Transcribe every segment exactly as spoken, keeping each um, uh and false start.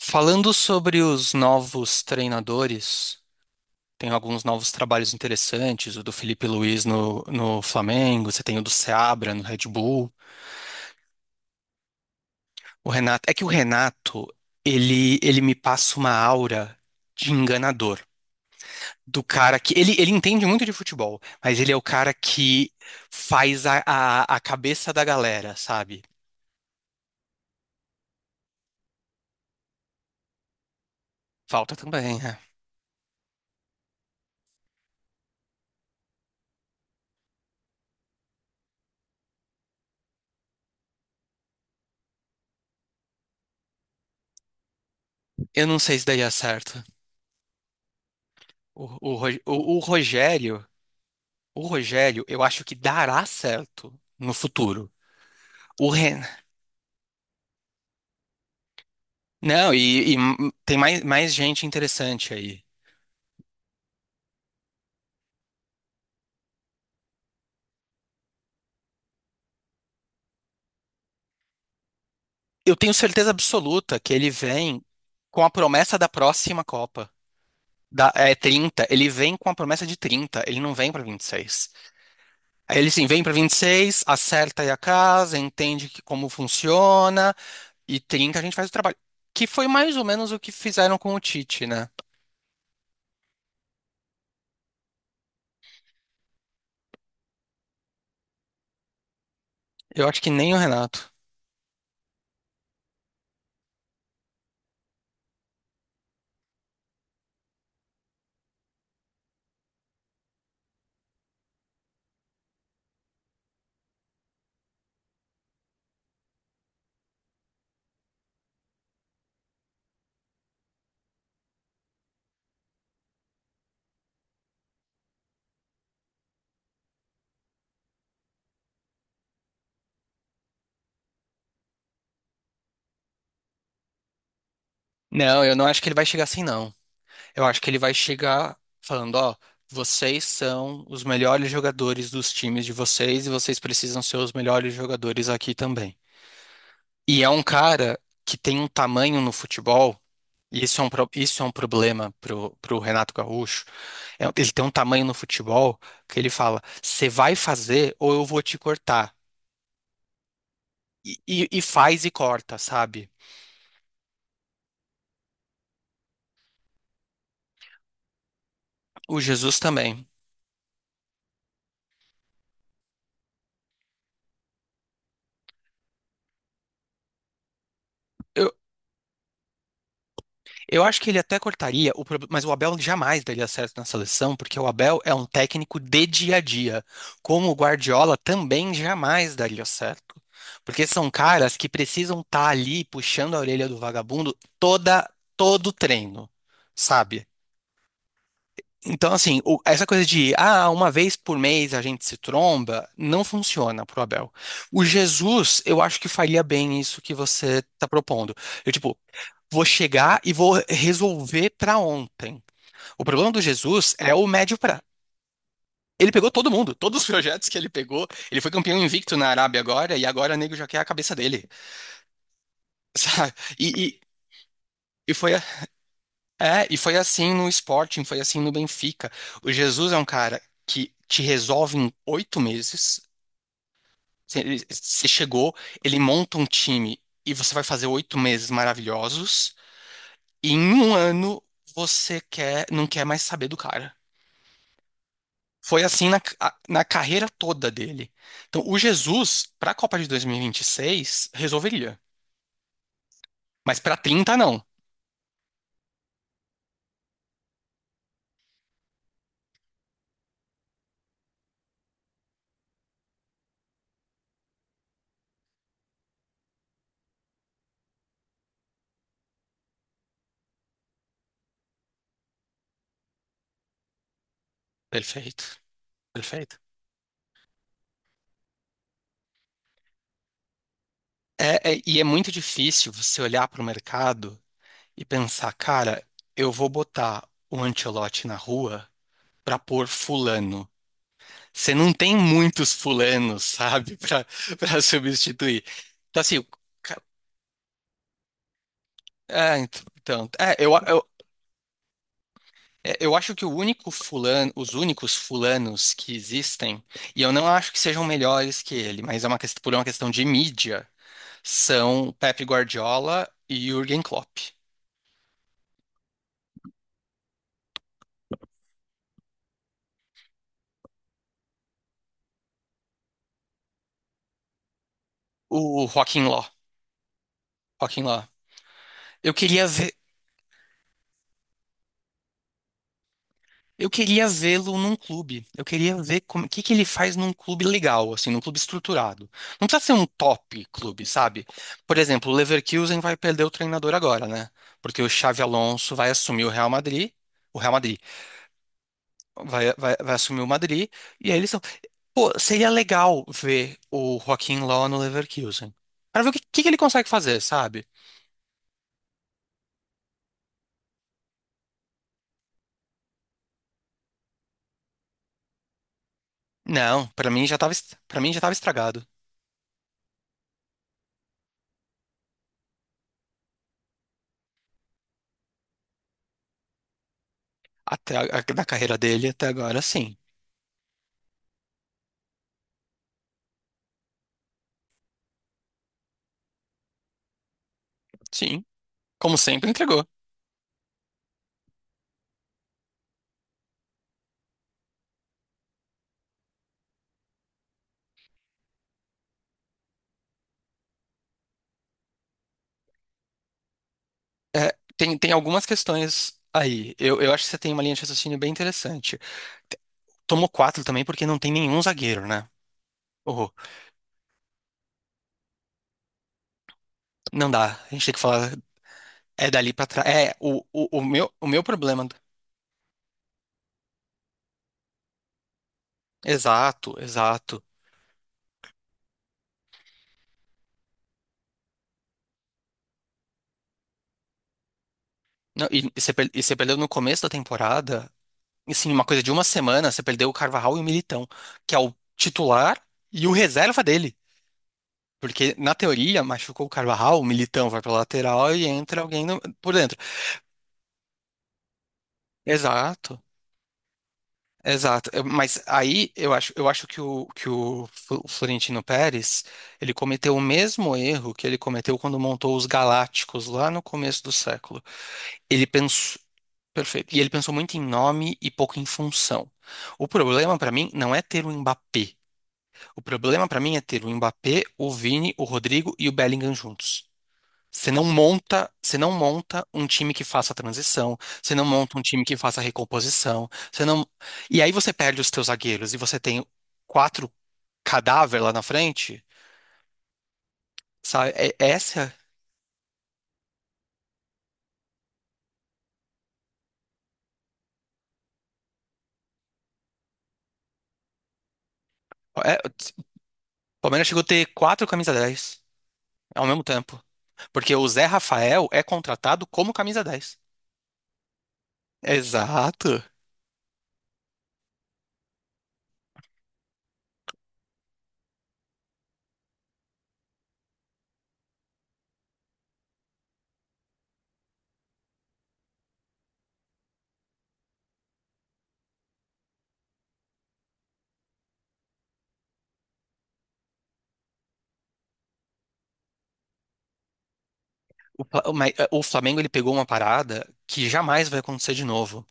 Falando sobre os novos treinadores, tem alguns novos trabalhos interessantes, o do Felipe Luiz no, no Flamengo, você tem o do Seabra no Red Bull. O Renato, é que o Renato, ele, ele me passa uma aura de enganador. Do cara que. Ele, ele entende muito de futebol, mas ele é o cara que faz a, a, a cabeça da galera, sabe? Falta também, né? Eu não sei se daria certo. O, o, Ro- o o Rogério. O Rogério, eu acho que dará certo no futuro. O Ren... Não, e, e tem mais, mais gente interessante aí. Eu tenho certeza absoluta que ele vem com a promessa da próxima Copa. Da, é trinta, ele vem com a promessa de trinta. Ele não vem para vinte e seis. Aí ele sim, vem para vinte e seis, acerta aí a casa, entende que, como funciona, e trinta a gente faz o trabalho. Que foi mais ou menos o que fizeram com o Tite, né? Eu acho que nem o Renato. Não, eu não acho que ele vai chegar assim, não. Eu acho que ele vai chegar falando, ó, vocês são os melhores jogadores dos times de vocês e vocês precisam ser os melhores jogadores aqui também. E é um cara que tem um tamanho no futebol, e isso é um, pro- isso é um problema pro, pro Renato Gaúcho. É- um, ele tem um tamanho no futebol que ele fala: você vai fazer ou eu vou te cortar. E, e- e faz e corta, sabe? O Jesus também. Eu acho que ele até cortaria, o prob- mas o Abel jamais daria certo na seleção, porque o Abel é um técnico de dia a dia, como o Guardiola também jamais daria certo. Porque são caras que precisam estar ali puxando a orelha do vagabundo toda todo treino, sabe? Então, assim, o- essa coisa de, ah, uma vez por mês a gente se tromba, não funciona pro Abel. O Jesus, eu acho que faria bem isso que você tá propondo. Eu, tipo, vou chegar e vou resolver para ontem. O problema do Jesus é o médio prazo. Ele pegou todo mundo, todos os projetos que ele pegou. Ele foi campeão invicto na Arábia agora, e agora o nego já quer a cabeça dele. Sabe? E, e, e, foi, é, e foi assim no Sporting, foi assim no Benfica. O Jesus é um cara que te resolve em oito meses. Você chegou, ele monta um time e você vai fazer oito meses maravilhosos. E em um ano você quer, não quer mais saber do cara. Foi assim na, a- na carreira toda dele. Então, o Jesus, para a Copa de dois mil e vinte e seis, resolveria. Mas para trinta não. Perfeito. Perfeito. É, é- e é muito difícil você olhar para o mercado e pensar, cara, eu vou botar o Ancelotti na rua para pôr fulano. Você não tem muitos fulanos, sabe, para para substituir. Então, assim, o ca- é, então, então, é, eu, eu, É, Eu acho que o único fulano, os únicos fulanos que existem, e eu não acho que sejam melhores que ele, mas é uma questão, por uma questão de mídia, são Pep Guardiola e Jürgen Klopp. O Joaquim Ló, Joaquim Ló. Eu queria ver, eu queria vê-lo num clube. Eu queria ver como, o que que ele faz num clube legal, assim, num clube estruturado. Não precisa ser um top clube, sabe? Por exemplo, o Leverkusen vai perder o treinador agora, né? Porque o Xavi Alonso vai assumir o Real Madrid. O Real Madrid vai, vai, vai assumir o Madrid. E aí eles estão. Pô, seria legal ver o Joaquim Low no Leverkusen. Pra ver o que, que que ele consegue fazer, sabe? Não, pra mim já tava, Para mim já tava estragado. Até a, a- na carreira dele até agora, sim. Sim. Como sempre, entregou. É, tem, tem algumas questões aí. Eu, eu acho que você tem uma linha de raciocínio bem interessante. Tomou quatro também porque não tem nenhum zagueiro, né? Oh, não dá. A gente tem que falar. É dali pra trás. É, o, o, o meu, o meu problema. Exato, exato. Não, e, e você per- e você perdeu no começo da temporada, assim, uma coisa de uma semana, você perdeu o Carvajal e o Militão, que é o titular e o reserva dele. Porque, na teoria, machucou o Carvajal, o Militão vai pra lateral e entra alguém no- por dentro. Exato, exato. Eu- Mas aí eu acho, eu acho que o, que o Fl- Florentino Pérez, ele cometeu o mesmo erro que ele cometeu quando montou os Galácticos lá no começo do século. Ele pensou. Perfeito. E ele pensou muito em nome e pouco em função. O problema pra mim não é ter o Mbappé. O problema pra mim é ter o Mbappé, o Vini, o Rodrigo e o Bellingham juntos. Você não monta, você não monta um time que faça a transição, você não monta um time que faça a recomposição, você não. E aí você perde os teus zagueiros e você tem quatro cadáver lá na frente, sabe? É- é essa é- o Palmeiras chegou a ter quatro camisa dez ao mesmo tempo. Porque o Zé Rafael é contratado como camisa dez. Exato. O, Pla- o Ma- o Flamengo ele pegou uma parada que jamais vai acontecer de novo.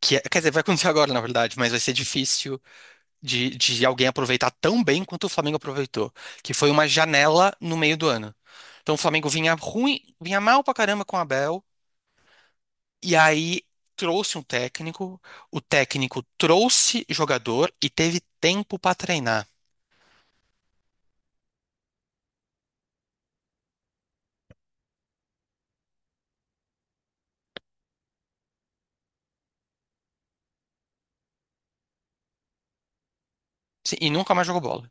Que, é- quer dizer, vai acontecer agora, na verdade, mas vai ser difícil de, de alguém aproveitar tão bem quanto o Flamengo aproveitou, que foi uma janela no meio do ano. Então o Flamengo vinha ruim, vinha mal pra caramba com o Abel, e aí trouxe um técnico, o técnico trouxe jogador e teve tempo pra treinar. Sim, e nunca mais jogou bola.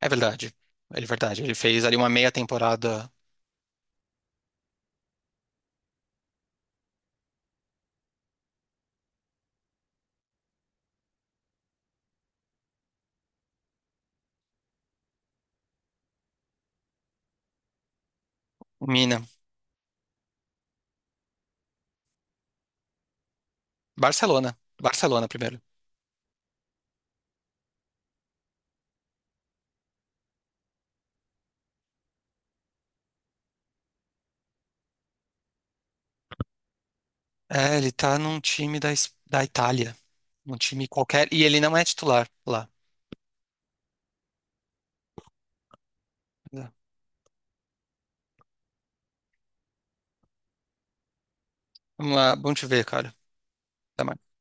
É verdade. É verdade. Ele fez ali uma meia temporada Barcelona. Barcelona primeiro. É, ele tá num time da, Es- da Itália. Um time qualquer. E ele não é titular lá. É. Vamos lá, vamos te ver, cara. Até mais.